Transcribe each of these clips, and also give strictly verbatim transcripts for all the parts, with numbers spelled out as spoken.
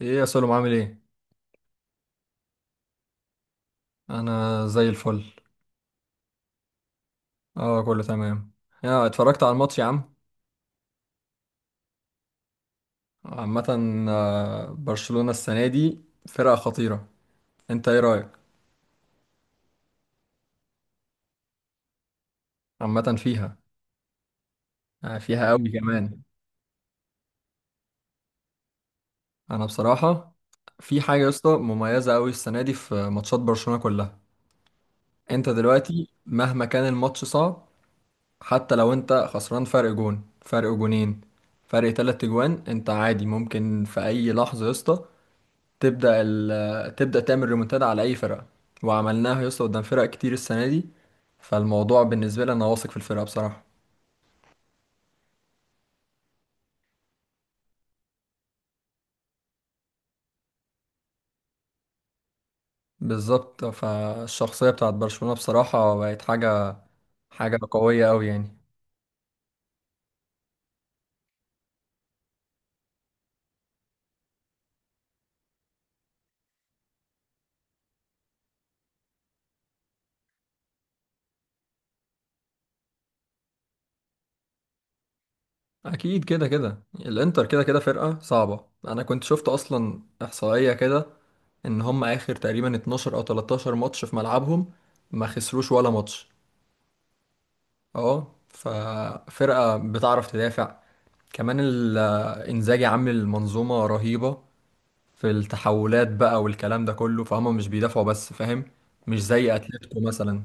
ايه يا سلم عامل ايه؟ انا زي الفل. اه كله تمام. يا اتفرجت على الماتش يا عم؟ عامه. آه، برشلونة السنه دي فرقه خطيره. انت ايه رايك؟ عامه فيها. آه، فيها قوي كمان. انا بصراحه، في حاجه يا اسطى مميزه قوي السنه دي في ماتشات برشلونة كلها. انت دلوقتي مهما كان الماتش صعب، حتى لو انت خسران فرق جون فرق جونين فرق تلات جوان، انت عادي ممكن في اي لحظه يا اسطى تبدأ ال... تبدأ تعمل ريمونتادا على أي فرقة. وعملناها يا اسطى قدام فرق كتير السنة دي. فالموضوع بالنسبة لي أنا واثق في الفرقة بصراحة. بالظبط، فالشخصية بتاعت برشلونة بصراحة بقت حاجة، حاجة قوية أوي يعني. أكيد كده كده الإنتر كده كده فرقة صعبة. أنا كنت شفت أصلا إحصائية كده إن هم آخر تقريبا اتناشر أو تلتاشر ماتش في ملعبهم ما خسروش ولا ماتش. اه ففرقة بتعرف تدافع. كمان ال- انزاجي عامل منظومة رهيبة في التحولات بقى والكلام ده كله، فهم مش بيدافعوا بس، فاهم؟ مش زي اتلتيكو مثلا.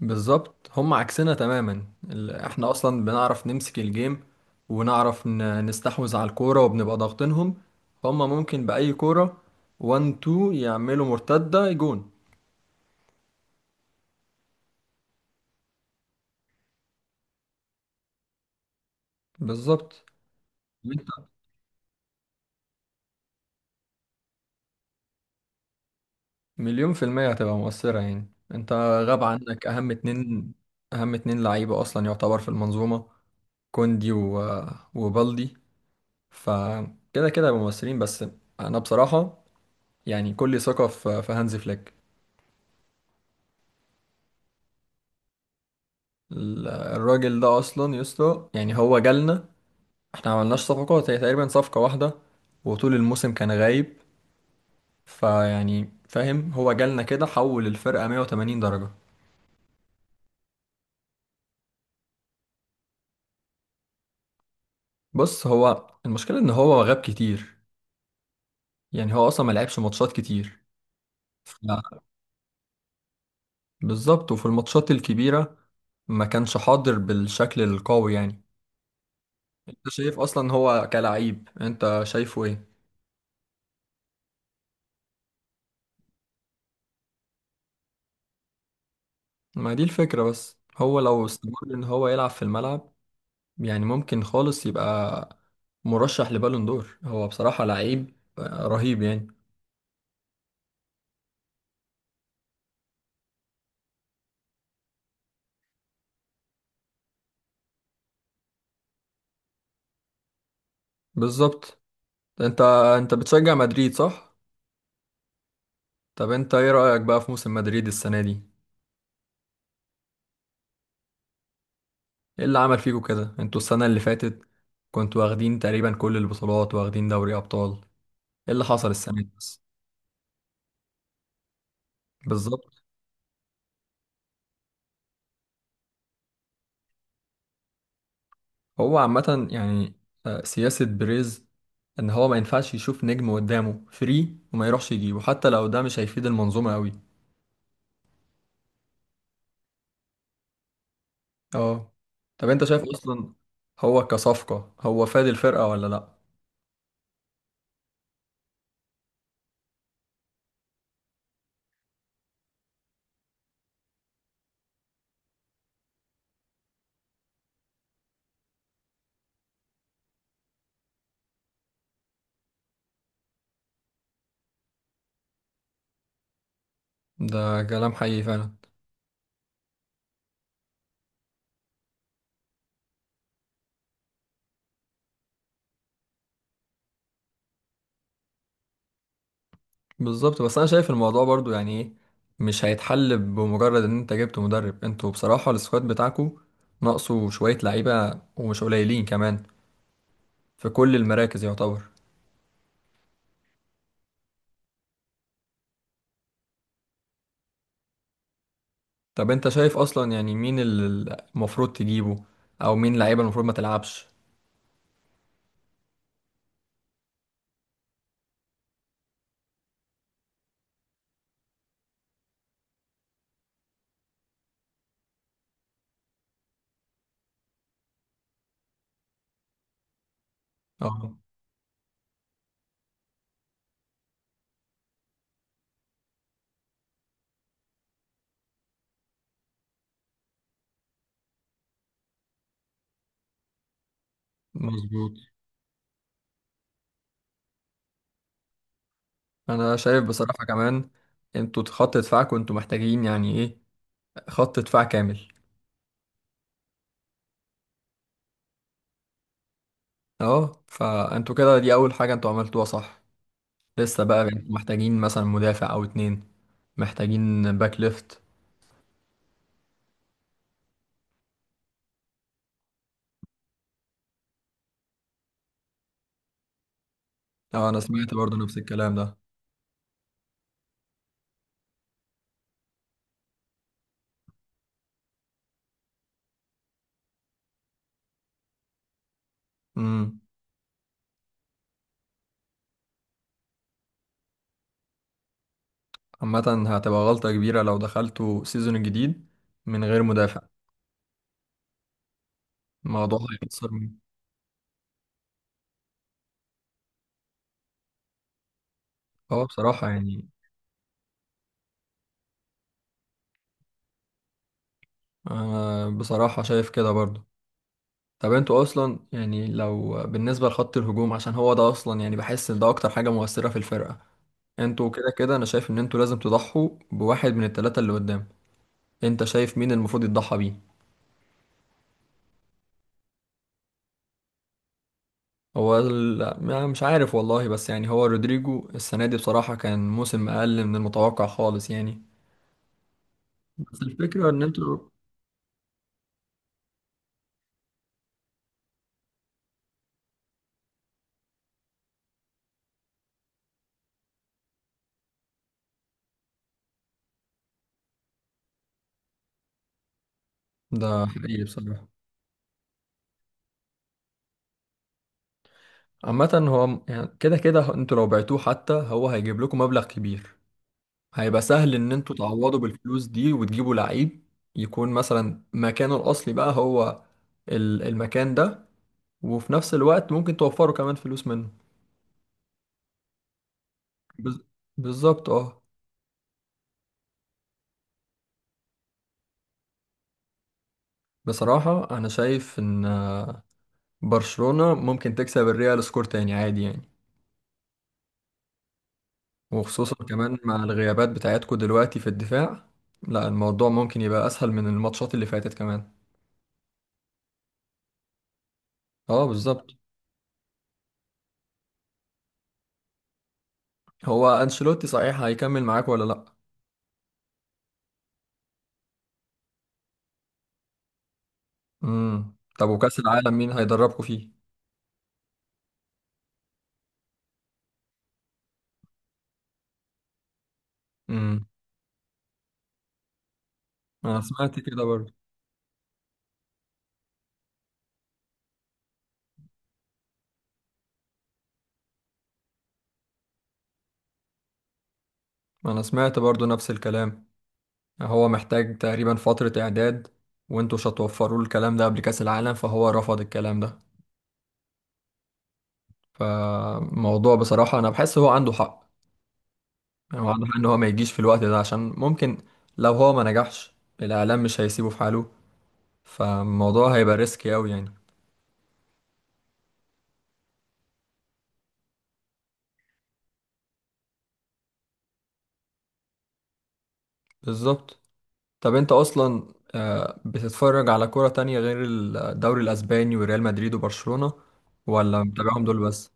بالظبط هم عكسنا تماما. ال- احنا اصلا بنعرف نمسك الجيم ونعرف ن- نستحوذ على الكورة وبنبقى ضاغطينهم. هم ممكن بأي كورة واحد اتنين يعملوا مرتدة جون. بالظبط. مليون في المية هتبقى مؤثرة. يعني انت غاب عنك اهم اتنين، اهم اتنين لعيبة اصلا يعتبر في المنظومة: كوندي و... وبالدي. فكده كده هيبقوا مؤثرين، بس انا بصراحة يعني كل ثقة في في هانز فليك. ال- الراجل ده اصلا يسطا، يعني هو جالنا احنا عملناش صفقات، هي تقريبا صفقة واحدة وطول الموسم كان غايب. فيعني فاهم، هو جالنا كده حول الفرقة مية وتمانين درجة. بص هو المشكلة ان هو غاب كتير، يعني هو اصلا ما لعبش ماتشات كتير. ف- بالظبط، وفي الماتشات الكبيره ما كانش حاضر بالشكل القوي يعني. انت شايف اصلا هو كلاعب انت شايفه ايه؟ ما دي الفكره، بس هو لو استمر ان هو يلعب في الملعب، يعني ممكن خالص يبقى مرشح لبالون دور، هو بصراحه لعيب رهيب يعني. بالظبط. انت، انت بتشجع مدريد صح؟ طب انت ايه رايك بقى في موسم مدريد السنه دي؟ ايه اللي عمل فيكوا كده؟ انتوا السنة اللي فاتت كنتوا واخدين تقريبا كل البطولات، واخدين دوري ابطال. ايه اللي حصل السنة دي بس؟ بالظبط. هو عامة يعني، آه، سياسة بريز ان هو ما ينفعش يشوف نجم قدامه فري وما يروحش يجيبه، حتى لو ده مش هيفيد المنظومة قوي. اه. طب انت شايف اصلا هو كصفقة هو فاد الفرقة ولا لا؟ ده كلام حقيقي فعلا. بالظبط، بس انا شايف الموضوع برضو يعني ايه، مش هيتحل بمجرد ان انت جبت مدرب. انتوا بصراحة السكواد بتاعكو ناقصه شوية لعيبة، ومش قليلين كمان، في كل المراكز يعتبر. طب انت شايف اصلا يعني مين اللي المفروض تجيبه، او مين لعيبة المفروض ما تلعبش؟ اه مظبوط. انا شايف بصراحة كمان، انتوا خط دفاعكم انتوا محتاجين يعني ايه، خط دفاع كامل. اه فانتوا كده دي اول حاجة انتوا عملتوها صح. لسه بقى انتوا محتاجين مثلا مدافع او اتنين. محتاجين باك ليفت. اه انا سمعت برضو نفس الكلام ده. امم عامة هتبقى غلطة كبيرة لو دخلتوا سيزون الجديد من غير مدافع. الموضوع هيأثر من- اه بصراحة يعني، آه بصراحة شايف كده برضو. طب انتوا اصلا يعني لو بالنسبة لخط الهجوم، عشان هو ده اصلا يعني بحس ان ده اكتر حاجة مؤثرة في الفرقة، انتوا كده كده انا شايف ان انتوا لازم تضحوا بواحد من التلاتة اللي قدام. انت شايف مين المفروض يتضحى بيه؟ هو ال- ما- مش عارف والله، بس يعني هو رودريجو السنة دي بصراحة كان موسم أقل من المتوقع خالص يعني. بس الفكرة إن أنتوا، ده حقيقي بصراحة. عامة هو م- يعني كده كده أنتوا لو بعتوه، حتى هو هيجيب لكم مبلغ كبير، هيبقى سهل إن أنتوا تعوضوا بالفلوس دي وتجيبوا لعيب يكون مثلا مكانه الأصلي بقى، هو ال- المكان ده، وفي نفس الوقت ممكن توفروا كمان فلوس منه. بز- بالظبط اه. بصراحة أنا شايف إن برشلونة ممكن تكسب الريال سكور تاني عادي يعني. وخصوصا كمان مع الغيابات بتاعتكو دلوقتي في الدفاع، لا الموضوع ممكن يبقى أسهل من الماتشات اللي فاتت كمان. اه بالظبط. هو أنشيلوتي صحيح هيكمل معاك ولا لأ؟ امم. طب وكأس العالم مين هيدربكوا فيه؟ امم. أنا سمعت كده برضه. أنا سمعت برضه نفس الكلام. هو محتاج تقريبا فترة إعداد، وانتوا مش هتوفروا له الكلام ده قبل كأس العالم، فهو رفض الكلام ده. فموضوع بصراحة أنا بحس هو عنده حق. واضح ان هو ما يجيش في الوقت ده، عشان ممكن لو هو ما نجحش الاعلام مش هيسيبه في حاله، فالموضوع هيبقى ريسكي قوي يعني. بالظبط. طب انت اصلا آه، بتتفرج على كرة تانية غير الدوري الاسباني وريال مدريد وبرشلونة، ولا متابعهم دول بس؟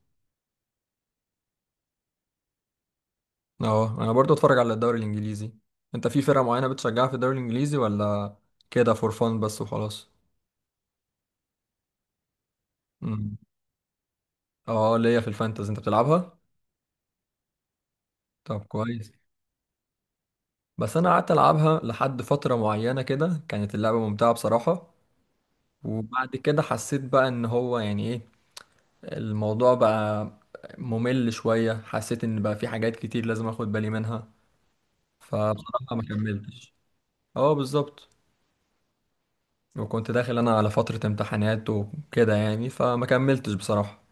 اه انا برضو اتفرج على الدوري الانجليزي. انت في فرقة معينة بتشجعها في الدوري الانجليزي، ولا كده فور فان بس وخلاص؟ مم. اه ليا في الفانتزي. انت بتلعبها؟ طب كويس. بس انا قعدت العبها لحد فتره معينه كده، كانت اللعبه ممتعه بصراحه. وبعد كده حسيت بقى ان هو يعني ايه، الموضوع بقى ممل شويه، حسيت ان بقى في حاجات كتير لازم اخد بالي منها فبصراحه ما كملتش. اه بالظبط. وكنت داخل انا على فتره امتحانات وكده يعني، فما كملتش بصراحه.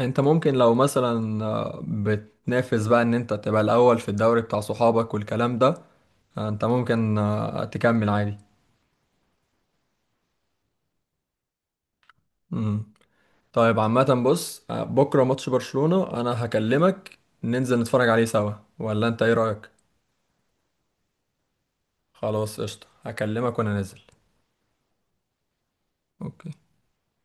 انت ممكن لو مثلا آه، بتنافس بقى ان انت تبقى الاول في الدوري بتاع صحابك والكلام ده، آه، انت ممكن آه، تكمل عادي. طيب عامة بص، آه، بكرة ماتش برشلونة أنا هكلمك ننزل نتفرج عليه سوا، ولا أنت إيه رأيك؟ خلاص قشطة، هكلمك وأنا نازل. أوكي.